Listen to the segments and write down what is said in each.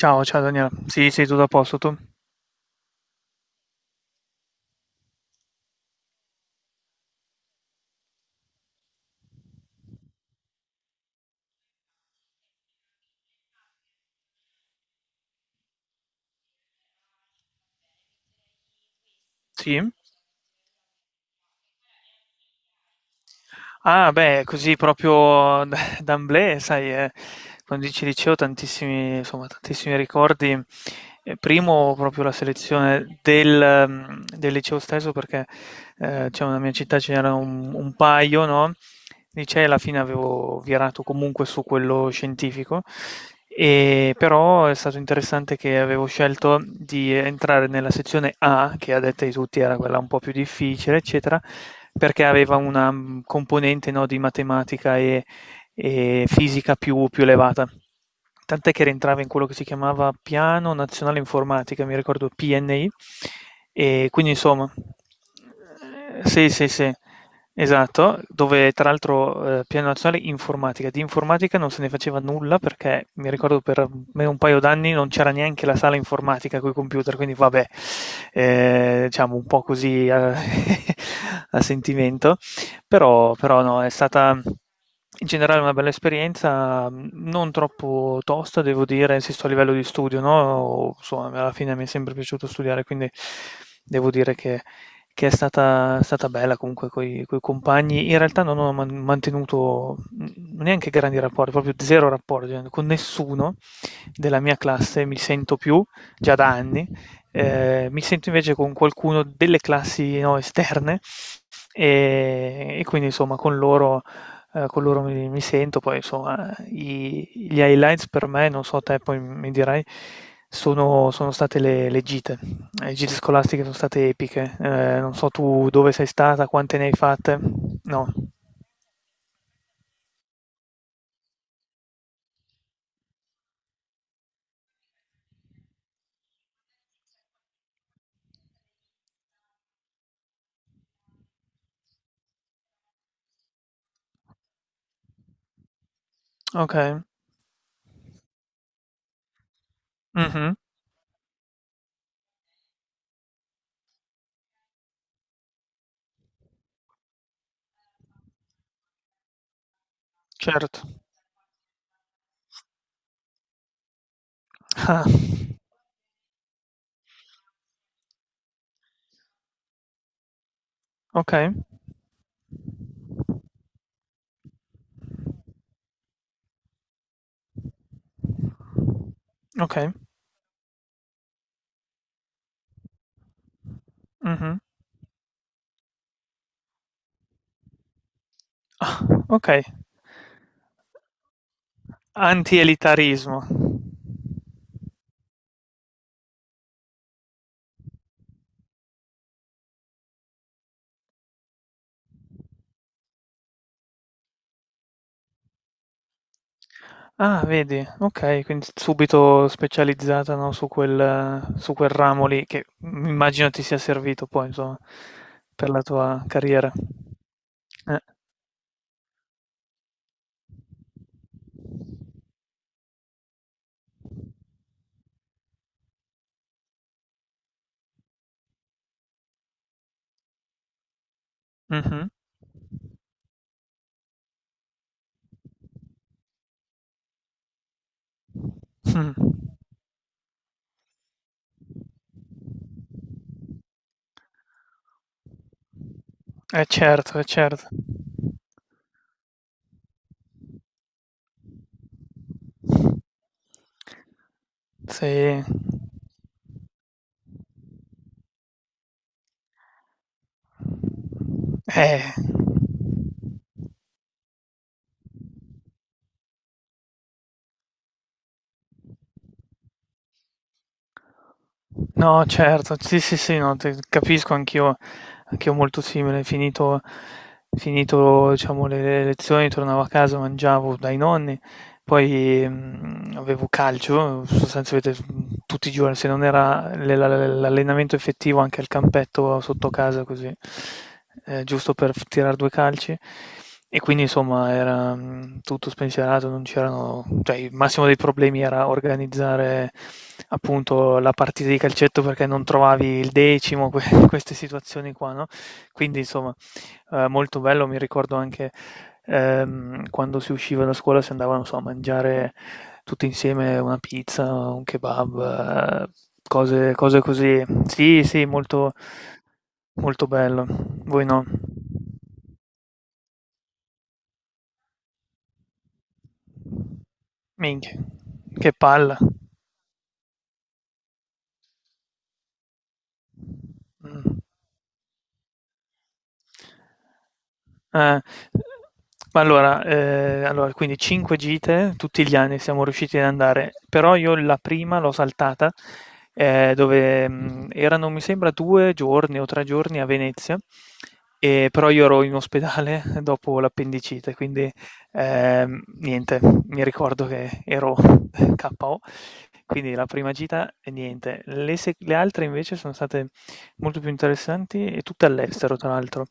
Ciao, ciao Daniela. Sì, sei tutto a posto tu? Sì? Ah, beh, così proprio d'emblée, sai, quando dici liceo tantissimi insomma, tantissimi ricordi. Primo proprio la selezione del del liceo stesso perché, diciamo nella mia città ce n'era un paio, no, licei alla fine avevo virato comunque su quello scientifico, però è stato interessante che avevo scelto di entrare nella sezione A, che a detta di tutti era quella un po' più difficile, eccetera, perché aveva una componente no, di matematica e fisica più elevata. Tant'è che rientrava in quello che si chiamava Piano Nazionale Informatica, mi ricordo PNI, e quindi insomma, sì, sì, sì, esatto, dove tra l'altro Piano Nazionale Informatica, di informatica non se ne faceva nulla perché mi ricordo per me un paio d'anni non c'era neanche la sala informatica con i computer, quindi vabbè, diciamo un po' così a, a sentimento. Però no, è stata in generale una bella esperienza, non troppo tosta, devo dire, insisto a livello di studio, no? Insomma, alla fine mi è sempre piaciuto studiare, quindi devo dire che è stata bella comunque con i compagni. In realtà non ho mantenuto neanche grandi rapporti, proprio zero rapporti, con nessuno della mia classe mi sento più, già da anni. Mi sento invece con qualcuno delle classi no, esterne, e quindi insomma con loro mi sento, poi insomma gli highlights per me, non so te poi mi dirai, sono state le gite scolastiche sono state epiche. Non so tu dove sei stata, quante ne hai fatte, no, ok, mhm, certo, ah, ok, ok, mhm. Ah, ok, antielitarismo. Ah, vedi, okay, quindi subito specializzata, no, su quel ramo lì che, immagino ti sia servito poi insomma, per la tua carriera. Eh, mh-mh. Mh. Eh certo, eh certo. Sì. Eh. No, certo, sì, sì, sì, no, capisco anch'io, anch'io molto simile, finito, finito, diciamo, le lezioni, tornavo a casa, mangiavo dai nonni, poi avevo calcio, sostanzialmente tutti i giorni, se non era l'allenamento effettivo anche al campetto sotto casa, così, giusto per tirare due calci. E quindi insomma era tutto spensierato, non c'erano, cioè il massimo dei problemi era organizzare appunto la partita di calcetto perché non trovavi il decimo, queste situazioni qua, no? Quindi insomma molto bello, mi ricordo anche quando si usciva da scuola si andava, non so, a mangiare tutti insieme una pizza, un kebab, cose così. Sì, sì, molto molto bello. Voi no? Minchia, che palla. Mh. Ah, ma allora, allora quindi 5 gite, tutti gli anni siamo riusciti ad andare, però io la prima l'ho saltata, dove, erano mi sembra 2 giorni o 3 giorni a Venezia, però io ero in ospedale dopo l'appendicite, quindi, niente, mi ricordo che ero KO. Quindi la prima gita e niente. Le se le altre invece sono state molto più interessanti e tutte all'estero tra l'altro.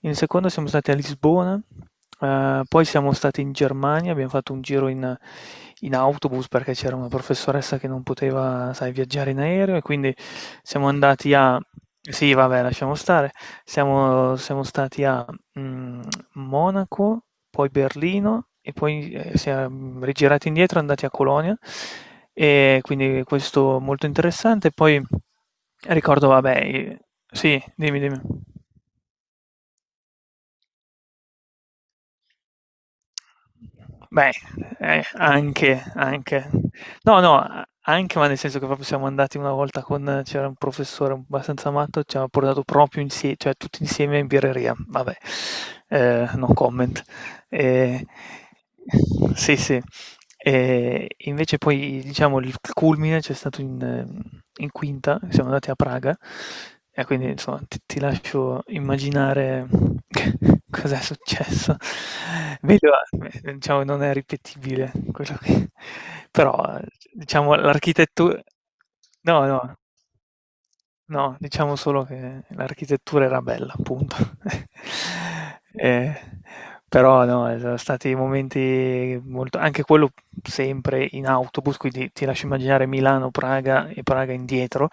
In seconda siamo stati a Lisbona, poi siamo stati in Germania, abbiamo fatto un giro in autobus perché c'era una professoressa che non poteva, sai, viaggiare in aereo e quindi siamo andati a sì, vabbè, lasciamo stare. Siamo stati a, mhmm, Monaco, poi Berlino e poi, siam rigirati indietro e andati a Colonia, e quindi questo molto interessante. Poi ricordo vabbè i sì, dimmi, dimmi. Beh, anche, anche. No, no, anche, ma nel senso che proprio siamo andati una volta con, c'era un professore abbastanza matto, ci ha portato proprio insieme, cioè tutti insieme in birreria. Vabbè, no comment. Eh, sì, sì. Invece poi diciamo il culmine c'è stato in in quinta, siamo andati a Praga e quindi insomma ti lascio immaginare cos'è successo. Vedo diciamo non è ripetibile quello che però diciamo l'architettu no, no. No, diciamo solo che l'architettura era bella, punto. Eh, però no, sono stati momenti molto... anche quello sempre in autobus, quindi ti lascio immaginare Milano-Praga e Praga indietro,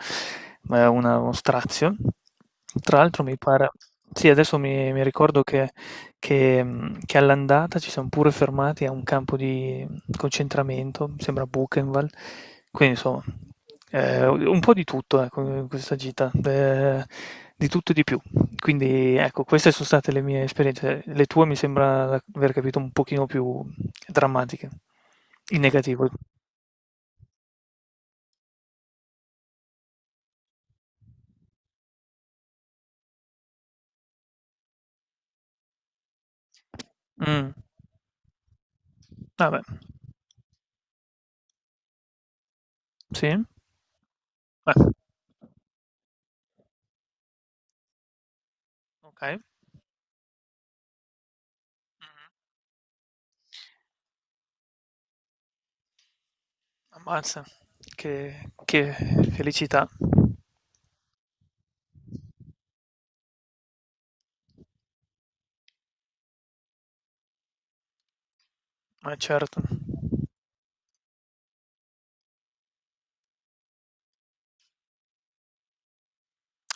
ma è uno strazio. Tra l'altro mi pare... Sì, adesso mi ricordo che all'andata ci siamo pure fermati a un campo di concentramento, mi sembra Buchenwald. Quindi insomma, un po' di tutto ecco, in questa gita, di tutto e di più. Quindi ecco, queste sono state le mie esperienze. Le tue mi sembra aver capito un pochino più drammatiche, in negativo. Mm, vabbè, sì, beh, ok, mm, ammazza, che felicità, ma certo.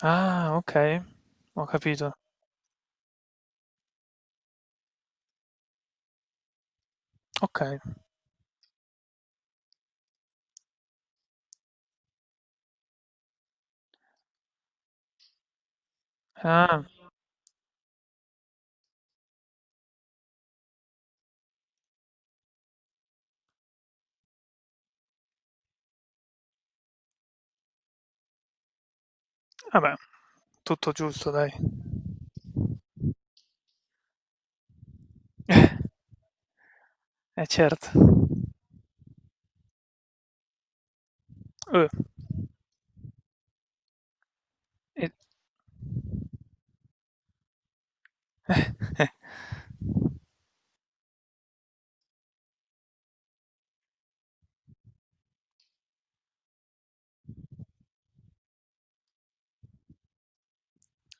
Ah, ok, ho capito. Ok. Ah, vabbè, tutto giusto, dai. Eh, eh certo. Eh, eh, eh.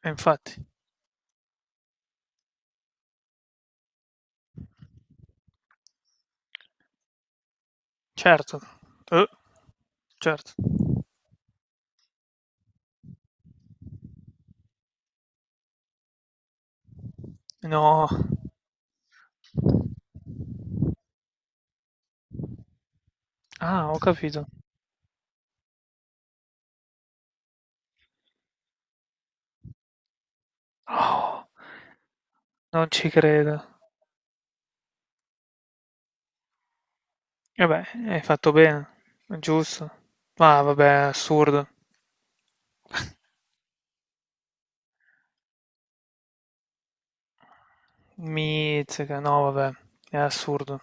E infatti, certo. Eh, certo. No. Ah, ho capito. Oh, non ci credo. Vabbè, hai fatto bene. È giusto. Ma vabbè, è assurdo. Mizzica, no vabbè, è assurdo.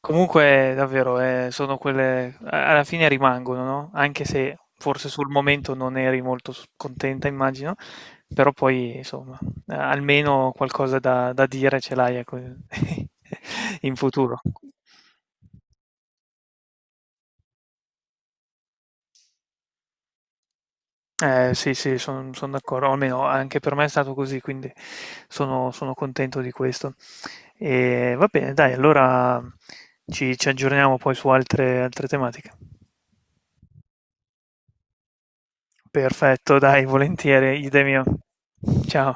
Comunque davvero, sono quelle, alla fine rimangono, no? Anche se forse sul momento non eri molto contenta, immagino, però poi insomma, almeno qualcosa da dire ce l'hai ecco, in futuro. Sì, sì, sono d'accordo, almeno anche per me è stato così, quindi sono contento di questo. E va bene, dai, allora ci aggiorniamo poi su altre tematiche. Perfetto, dai, volentieri, idem mio. Ciao.